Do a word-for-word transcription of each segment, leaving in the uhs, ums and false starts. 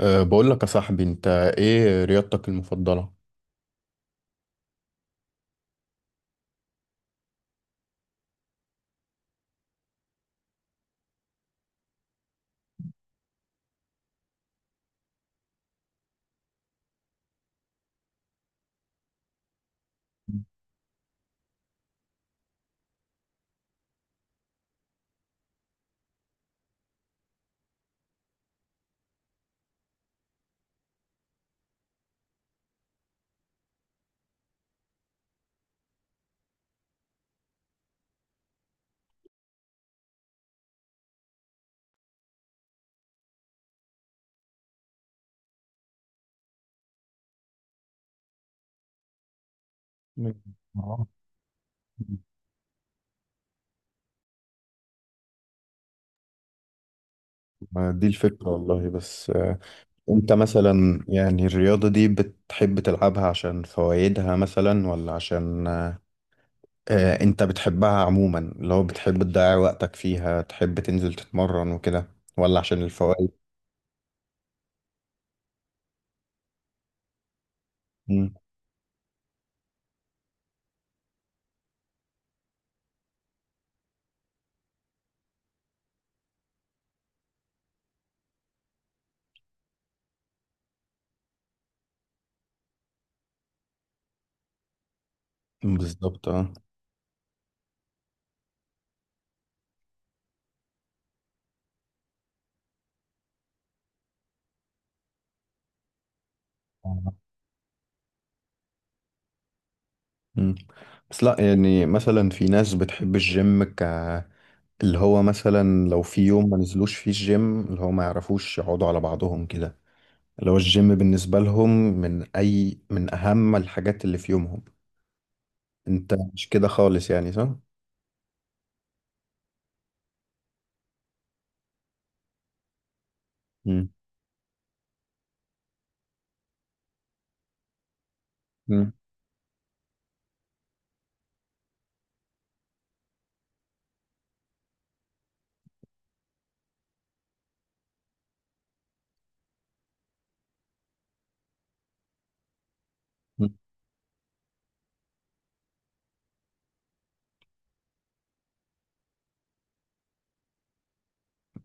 أه بقول لك يا صاحبي، انت ايه رياضتك المفضلة؟ آه. ما دي الفكرة والله. بس أه انت مثلا يعني الرياضة دي بتحب تلعبها عشان فوائدها مثلا، ولا عشان أه آه، انت بتحبها عموما، اللي هو بتحب تضيع وقتك فيها، تحب تنزل تتمرن وكده، ولا عشان الفوائد؟ مم، بالظبط اه. مم. بس لا يعني مثلا في ناس بتحب الجيم ك اللي هو مثلا لو في يوم ما نزلوش فيه الجيم، اللي هو ما يعرفوش يقعدوا على بعضهم كده، اللي هو الجيم بالنسبة لهم من أي من أهم الحاجات اللي في يومهم. أنت مش كده خالص يعني، صح؟ مم. مم. مم.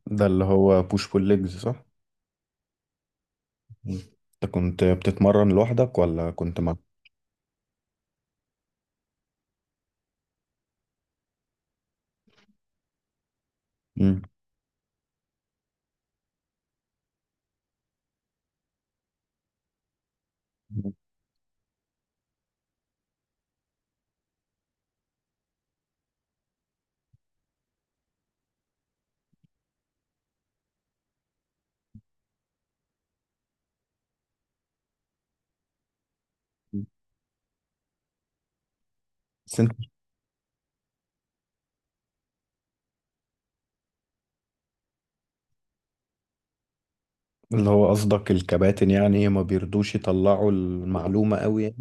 ده اللي هو بوش بول ليجز، صح؟ مم. أنت كنت بتتمرن لوحدك ولا كنت مع. مم. مم. بس أنت، اللي هو قصدك الكباتن يعني ما بيرضوش يطلعوا المعلومة قوي.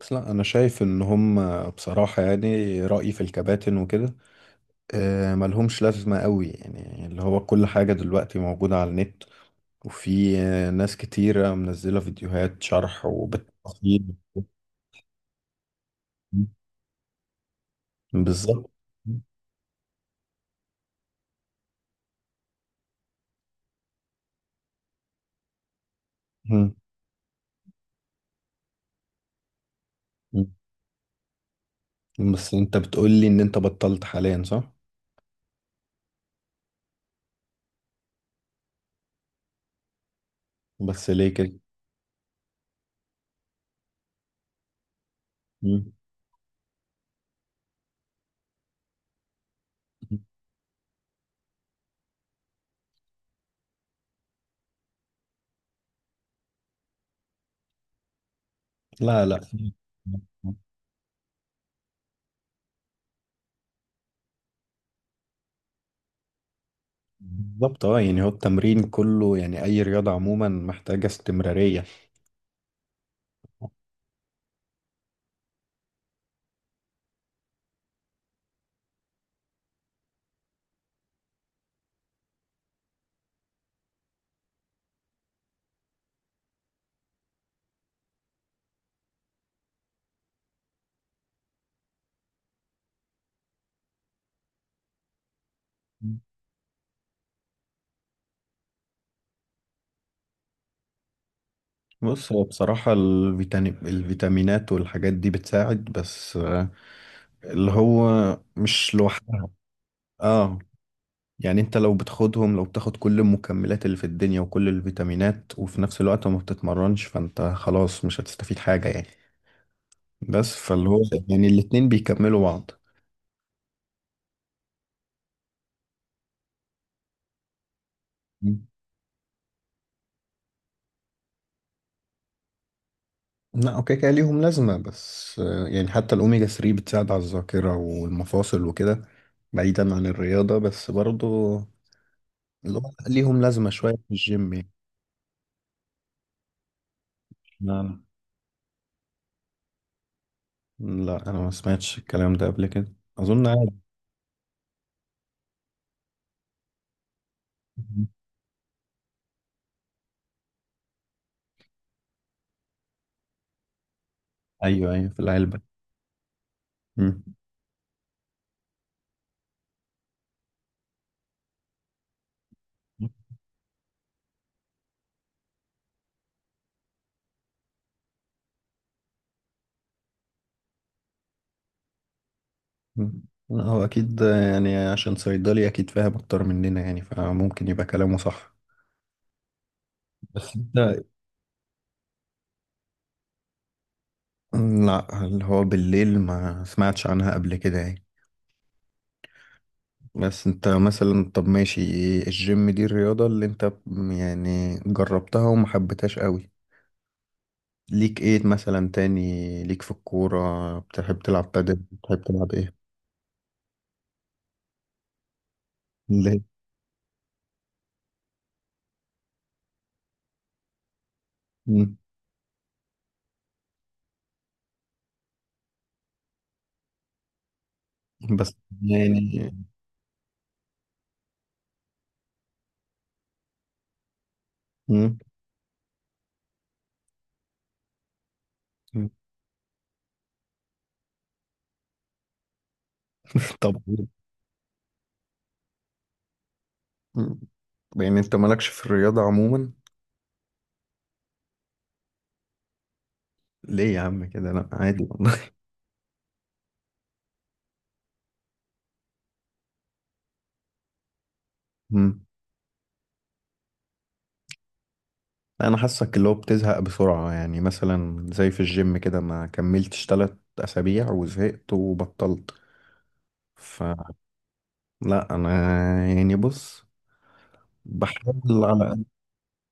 بس لا انا شايف ان هم، بصراحة يعني رأيي في الكباتن وكده آه، ملهمش لازمة قوي يعني، اللي هو كل حاجة دلوقتي موجودة على النت. وفي آه، ناس كتيرة منزلة فيديوهات شرح وبالتفصيل. بالظبط. مم. مم. بس انت بتقولي ان انت بطلت حاليا، صح؟ بس ليه كده؟ مم. لا لا. بالظبط اه. يعني هو التمرين كله، يعني اي رياضة عموما محتاجة استمرارية. بص هو بصراحة الفيتامين الفيتامينات والحاجات دي بتساعد، بس آه، اللي هو مش لوحدها. اه. يعني انت لو بتاخدهم، لو بتاخد كل المكملات اللي في الدنيا وكل الفيتامينات وفي نفس الوقت ما بتتمرنش، فانت خلاص مش هتستفيد حاجة يعني. بس فاللي هو يعني الاتنين بيكملوا بعض. مم. لا اوكي، كده ليهم لازمة، بس آه، يعني حتى الأوميجا ثلاثة بتساعد على الذاكرة والمفاصل وكده، بعيدا عن الرياضة. بس برضو اللي هو ليهم لازمة شوية في الجيم يعني. لا. لا انا ما سمعتش الكلام ده قبل كده، اظن عادي. ايوه ايوه في العلبة. مم. مم. لا، هو اكيد، يعني عشان صيدلي اكيد فاهم اكتر مننا يعني، فممكن يبقى كلامه صح. بس انت. لا، اللي هو بالليل ما سمعتش عنها قبل كده يعني. بس انت مثلا، طب ماشي، الجيم دي الرياضة اللي انت يعني جربتها وما حبيتهاش قوي. ليك ايه مثلا تاني؟ ليك في الكورة؟ بتحب تلعب بادل، بتحب تلعب ايه؟ ليه؟ بس يعني. مم. مم. طب. مم. يعني انت مالكش في الرياضة عموما؟ ليه يا عم كده، لا عادي والله. مم. لا، انا حاسك اللي هو بتزهق بسرعة، يعني مثلا زي في الجيم كده ما كملتش تلات اسابيع وزهقت وبطلت. فلا. انا يعني، بص بحاول على.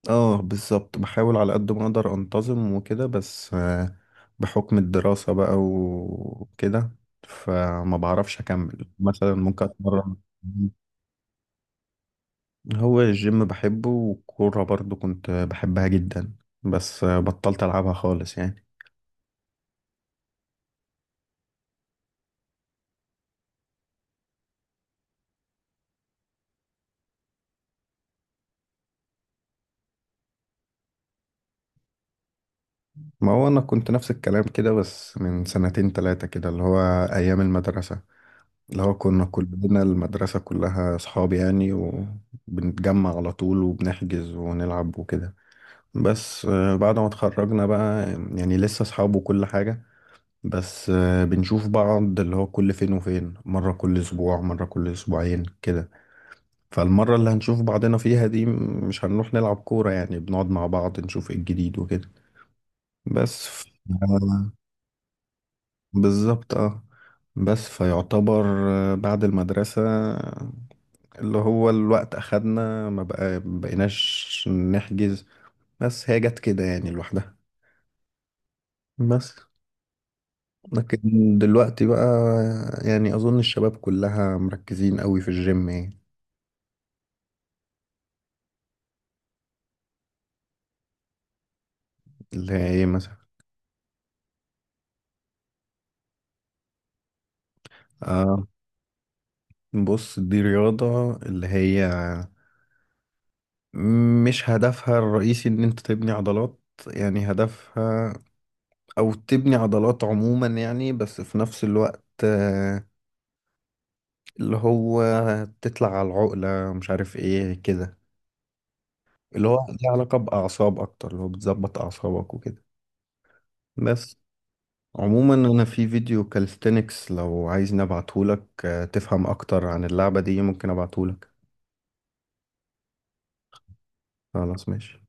اه بالظبط، بحاول على قد ما اقدر انتظم وكده، بس آه، بحكم الدراسة بقى وكده فما بعرفش اكمل، مثلا ممكن اتمرن. هو الجيم بحبه والكورة برضو كنت بحبها جدا، بس آه، بطلت العبها خالص يعني. ما هو انا كنت نفس الكلام كده، بس من سنتين تلاتة كده، اللي هو ايام المدرسة، اللي هو كنا كلنا المدرسة كلها اصحاب يعني، وبنتجمع على طول وبنحجز ونلعب وكده. بس آه، بعد ما اتخرجنا بقى، يعني لسه اصحاب وكل حاجة، بس آه، بنشوف بعض اللي هو كل فين وفين، مرة كل اسبوع مرة كل اسبوعين كده. فالمرة اللي هنشوف بعضنا فيها دي مش هنروح نلعب كورة، يعني بنقعد مع بعض نشوف ايه الجديد وكده. بس ف... آه، بالظبط اه. بس فيعتبر آه، بعد المدرسة، اللي هو الوقت أخدنا ما بقى بقيناش نحجز، بس هي جت كده يعني لوحدها. بس لكن دلوقتي بقى، يعني أظن الشباب كلها مركزين قوي في الجيم يعني. اللي هي إيه مثلا؟ آه. بص دي رياضة اللي هي مش هدفها الرئيسي إن أنت تبني عضلات، يعني هدفها أو تبني عضلات عموما يعني، بس في نفس الوقت آه، اللي هو تطلع على العقلة مش عارف إيه كده، اللي هو ليه علاقة بأعصاب أكتر، اللي هو بتظبط أعصابك وكده. بس عموما انا في فيديو كالستنكس، لو عايز نبعتهولك آه، تفهم اكتر عن اللعبة دي ممكن ابعتهولك. خلاص ماشي.